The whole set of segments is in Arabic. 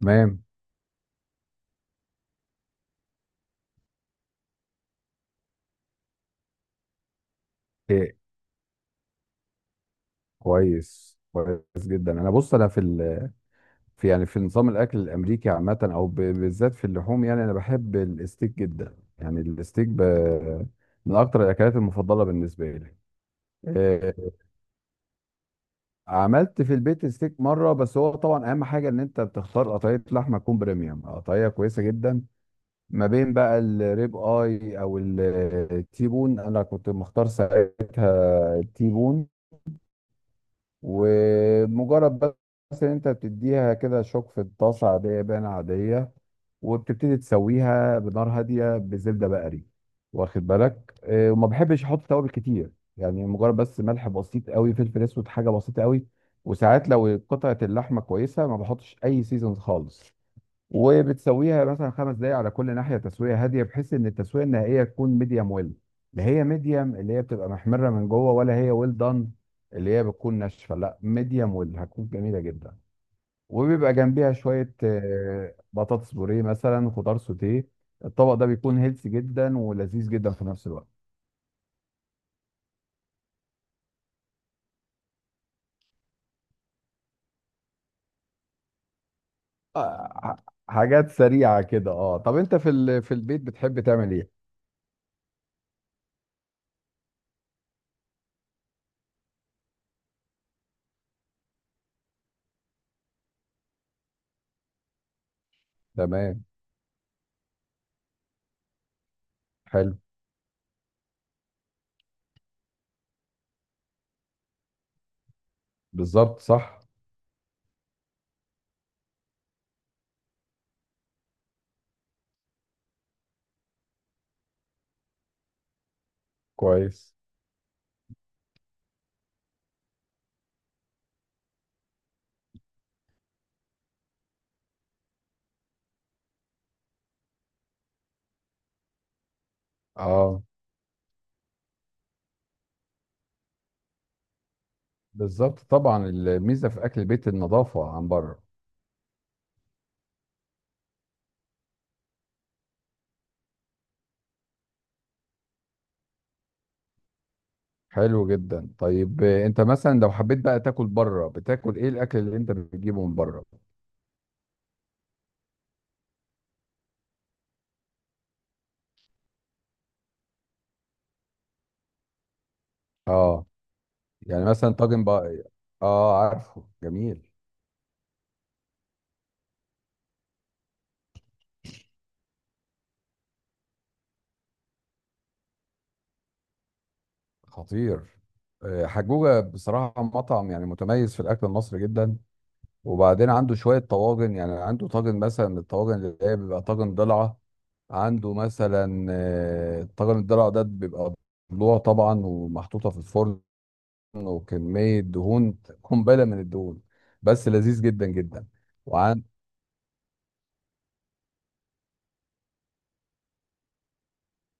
تمام. إيه؟ كويس كويس جدا، انا بص انا في في يعني في نظام الاكل الامريكي عامه، او بالذات في اللحوم، يعني انا بحب الستيك جدا، يعني الستيك من اكتر الاكلات المفضله بالنسبه لي. إيه؟ عملت في البيت ستيك مره، بس هو طبعا اهم حاجه ان انت بتختار قطعيه لحمه تكون بريميوم، قطعيه كويسه جدا. ما بين بقى الريب اي او التيبون، انا كنت مختار ساعتها التيبون. ومجرد بس ان انت بتديها كده شوك في الطاسه عاديه بان عاديه. وبتبتدي تسويها بنار هاديه بزبده بقري. واخد بالك، وما بحبش احط توابل كتير. يعني مجرد بس ملح بسيط قوي، فلفل اسود، حاجه بسيطه قوي. وساعات لو قطعه اللحمه كويسه ما بحطش اي سيزون خالص. وبتسويها مثلا 5 دقايق على كل ناحيه، تسويه هاديه بحيث ان التسويه النهائيه تكون ميديم ويل. لا هي ميديم اللي هي بتبقى محمره من جوه، ولا هي ويل دان اللي هي بتكون ناشفه، لا ميديم ويل هتكون جميله جدا. وبيبقى جنبيها شويه بطاطس بوريه مثلا، خضار سوتيه. الطبق ده بيكون هيلثي جدا ولذيذ جدا في نفس الوقت. حاجات سريعه كده. اه، طب انت في في البيت بتحب تعمل ايه؟ تمام. حلو. بالظبط، صح. كويس. اه. بالظبط، طبعا الميزه في اكل البيت النظافه عن بره. حلو جدا. طيب، انت مثلا لو حبيت بقى تاكل بره، بتاكل ايه الاكل اللي انت بتجيبه من بره؟ اه، يعني مثلا طاجن بقى. اه، عارفه. جميل. خطير. حجوجة بصراحة مطعم يعني متميز في الأكل المصري جدا. وبعدين عنده شوية طواجن، يعني عنده طاجن مثلا من الطواجن اللي هي بيبقى طاجن ضلعة. عنده مثلا طاجن الضلع ده بيبقى ضلوع طبعا ومحطوطة في الفرن، وكمية دهون، قنبلة من الدهون، بس لذيذ جدا جدا. وعن.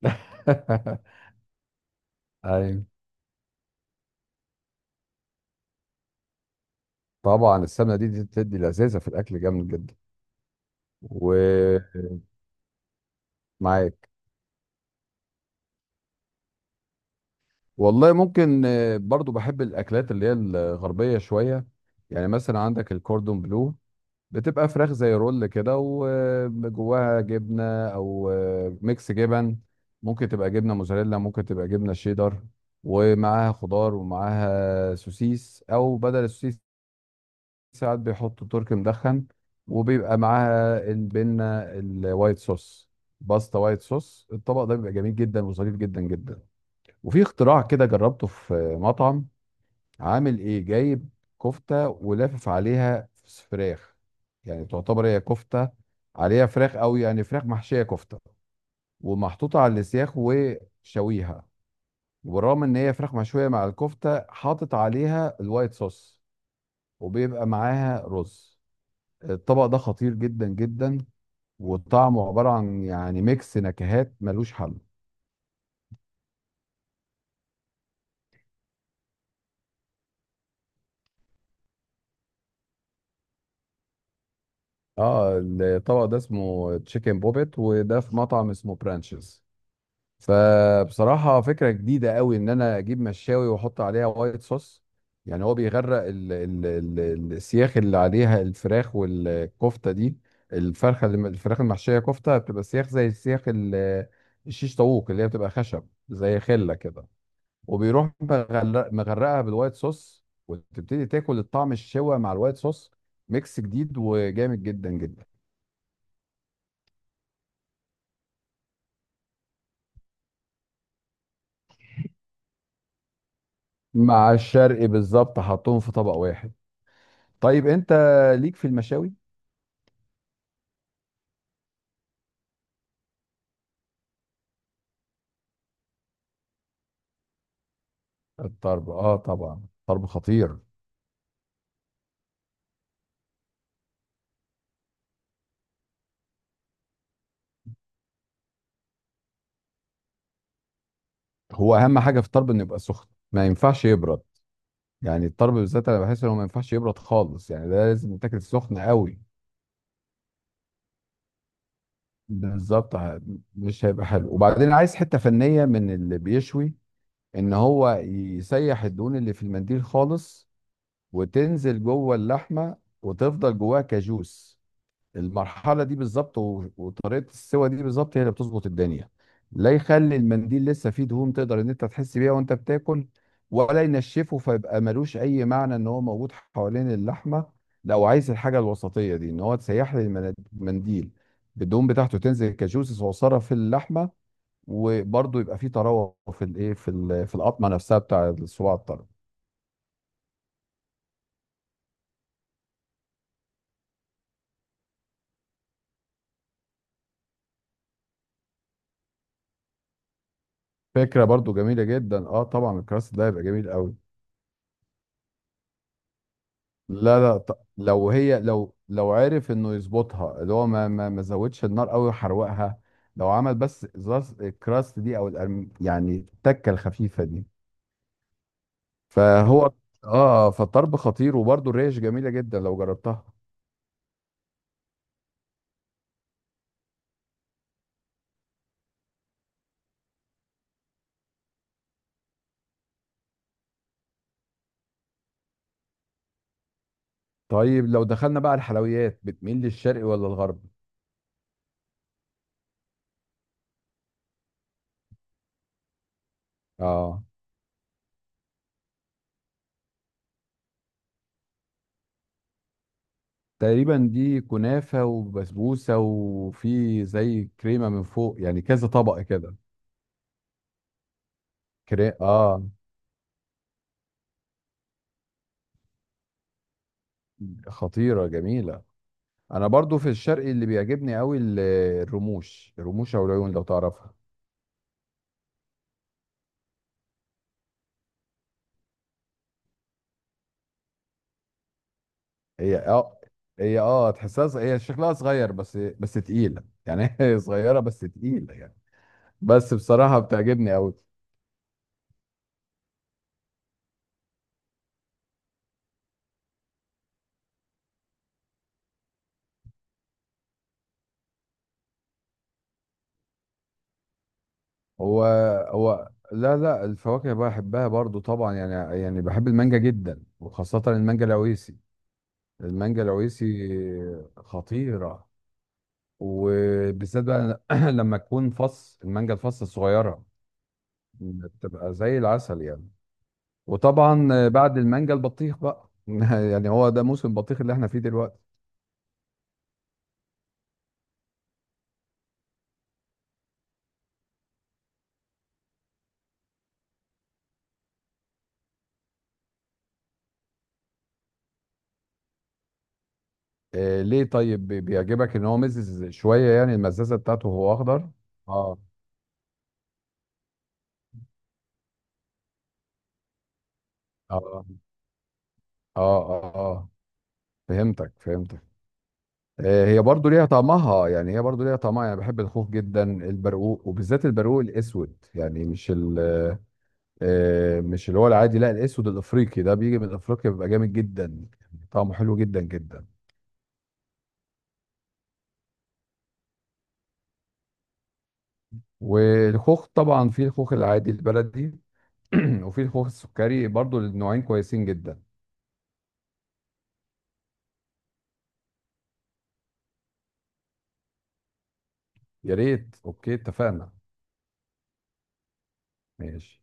ايوه. طبعا السمنة دي بتدي لذاذة في الأكل جامد جدا. ومعاك. والله ممكن برضو بحب الأكلات اللي هي الغربية شوية. يعني مثلا عندك الكوردون بلو، بتبقى فراخ زي رول كده وجواها جبنة، أو ميكس جبن، ممكن تبقى جبنة موزاريلا، ممكن تبقى جبنة شيدر. ومعاها خضار ومعاها سوسيس، أو بدل السوسيس ساعات بيحطوا تركي مدخن، وبيبقى معاها البنة الوايت صوص، باستا وايت صوص. الطبق ده بيبقى جميل جدا وظريف جدا جدا. وفي اختراع كده جربته في مطعم، عامل ايه؟ جايب كفته ولافف عليها فراخ، يعني تعتبر هي كفته عليها فراخ، او يعني فراخ محشيه كفته، ومحطوطه على السياخ وشويها. وبالرغم ان هي فراخ مشويه مع الكفته حاطط عليها الوايت صوص، وبيبقى معاها رز. الطبق ده خطير جدا جدا، وطعمه عباره عن يعني ميكس نكهات ملوش حل. اه، الطبق ده اسمه تشيكن بوبيت، وده في مطعم اسمه برانشز. فبصراحة فكرة جديدة قوي ان انا اجيب مشاوي واحط عليها وايت صوص. يعني هو بيغرق السياخ اللي عليها الفراخ والكفتة دي. الفرخة اللي الفراخ المحشية كفتة بتبقى سياخ زي السياخ الشيش طاووق اللي هي بتبقى خشب زي خلة كده، وبيروح مغرقها بالوايت صوص، وتبتدي تاكل الطعم الشوى مع الوايت صوص. ميكس جديد وجامد جدا جدا. مع الشرقي بالظبط، حطهم في طبق واحد. طيب انت ليك في المشاوي؟ الطرب؟ اه، طبعا الطرب خطير. هو اهم حاجه في الطرب انه يبقى سخن، ما ينفعش يبرد. يعني الطرب بالذات انا بحس انه ما ينفعش يبرد خالص، يعني ده لازم يتاكل سخن قوي. بالظبط. مش هيبقى حلو، وبعدين عايز حته فنيه من اللي بيشوي ان هو يسيح الدهون اللي في المنديل خالص، وتنزل جوه اللحمه وتفضل جواها كجوس. المرحله دي بالظبط، وطريقه السوى دي بالظبط هي اللي بتظبط الدنيا. لا يخلي المنديل لسه فيه دهون تقدر ان انت تحس بيها وانت بتاكل، ولا ينشفه فيبقى ملوش اي معنى ان هو موجود حوالين اللحمه. لو عايز الحاجه الوسطيه دي ان هو تسيح لي المنديل، الدهون بتاعته تنزل كجوسس صغيره في اللحمه، وبرضه يبقى فيه طراوه في الايه، في في القطمه نفسها بتاع الصباع الطري. فكره برضه جميله جدا، اه طبعا الكراست ده هيبقى جميل قوي. لا، لا، لو هي لو لو عرف انه يظبطها، اللي هو ما زودش النار قوي وحرقها. لو عمل بس الكراست دي او الأرم، يعني التكه الخفيفه دي. فهو. اه، فالطرب خطير، وبرده الريش جميله جدا لو جربتها. طيب، لو دخلنا بقى الحلويات، بتميل للشرقي ولا الغربي؟ اه. تقريبا دي كنافه وبسبوسه، وفي زي كريمه من فوق، يعني كذا طبق كده. اه. خطيره، جميله. انا برضو في الشرق اللي بيعجبني قوي الرموش، الرموش او العيون، لو تعرفها. هي اه، هي اه تحسها هي شكلها صغير، بس بس تقيله يعني، هي صغيره بس تقيله يعني. بس بصراحه بتعجبني قوي. هو هو لا، لا، الفواكه بحبها برضو طبعا، يعني بحب المانجا جدا وخاصه المانجا العويسي. المانجا العويسي خطيره. وبالذات بقى لما تكون فص المانجا الفص الصغيره، بتبقى زي العسل يعني. وطبعا، بعد المانجا البطيخ بقى. يعني هو ده موسم البطيخ اللي احنا فيه دلوقتي. ليه؟ طيب بيعجبك ان هو مزز شويه، يعني المزازه بتاعته هو اخضر. اه، اه، اه. اه، اه. فهمتك، فهمتك. هي برضو ليها طعمها، يعني هي برضو ليها طعمها، يعني بحب الخوخ جدا، البرقوق وبالذات البرقوق الاسود، يعني مش مش اللي هو العادي، لا الاسود الافريقي ده بيجي من افريقيا بيبقى جامد جدا. طعمه حلو جدا جدا. والخوخ طبعا، في الخوخ العادي البلدي، وفي الخوخ السكري برضو، النوعين كويسين جدا. يا ريت، اوكي، اتفقنا. ماشي.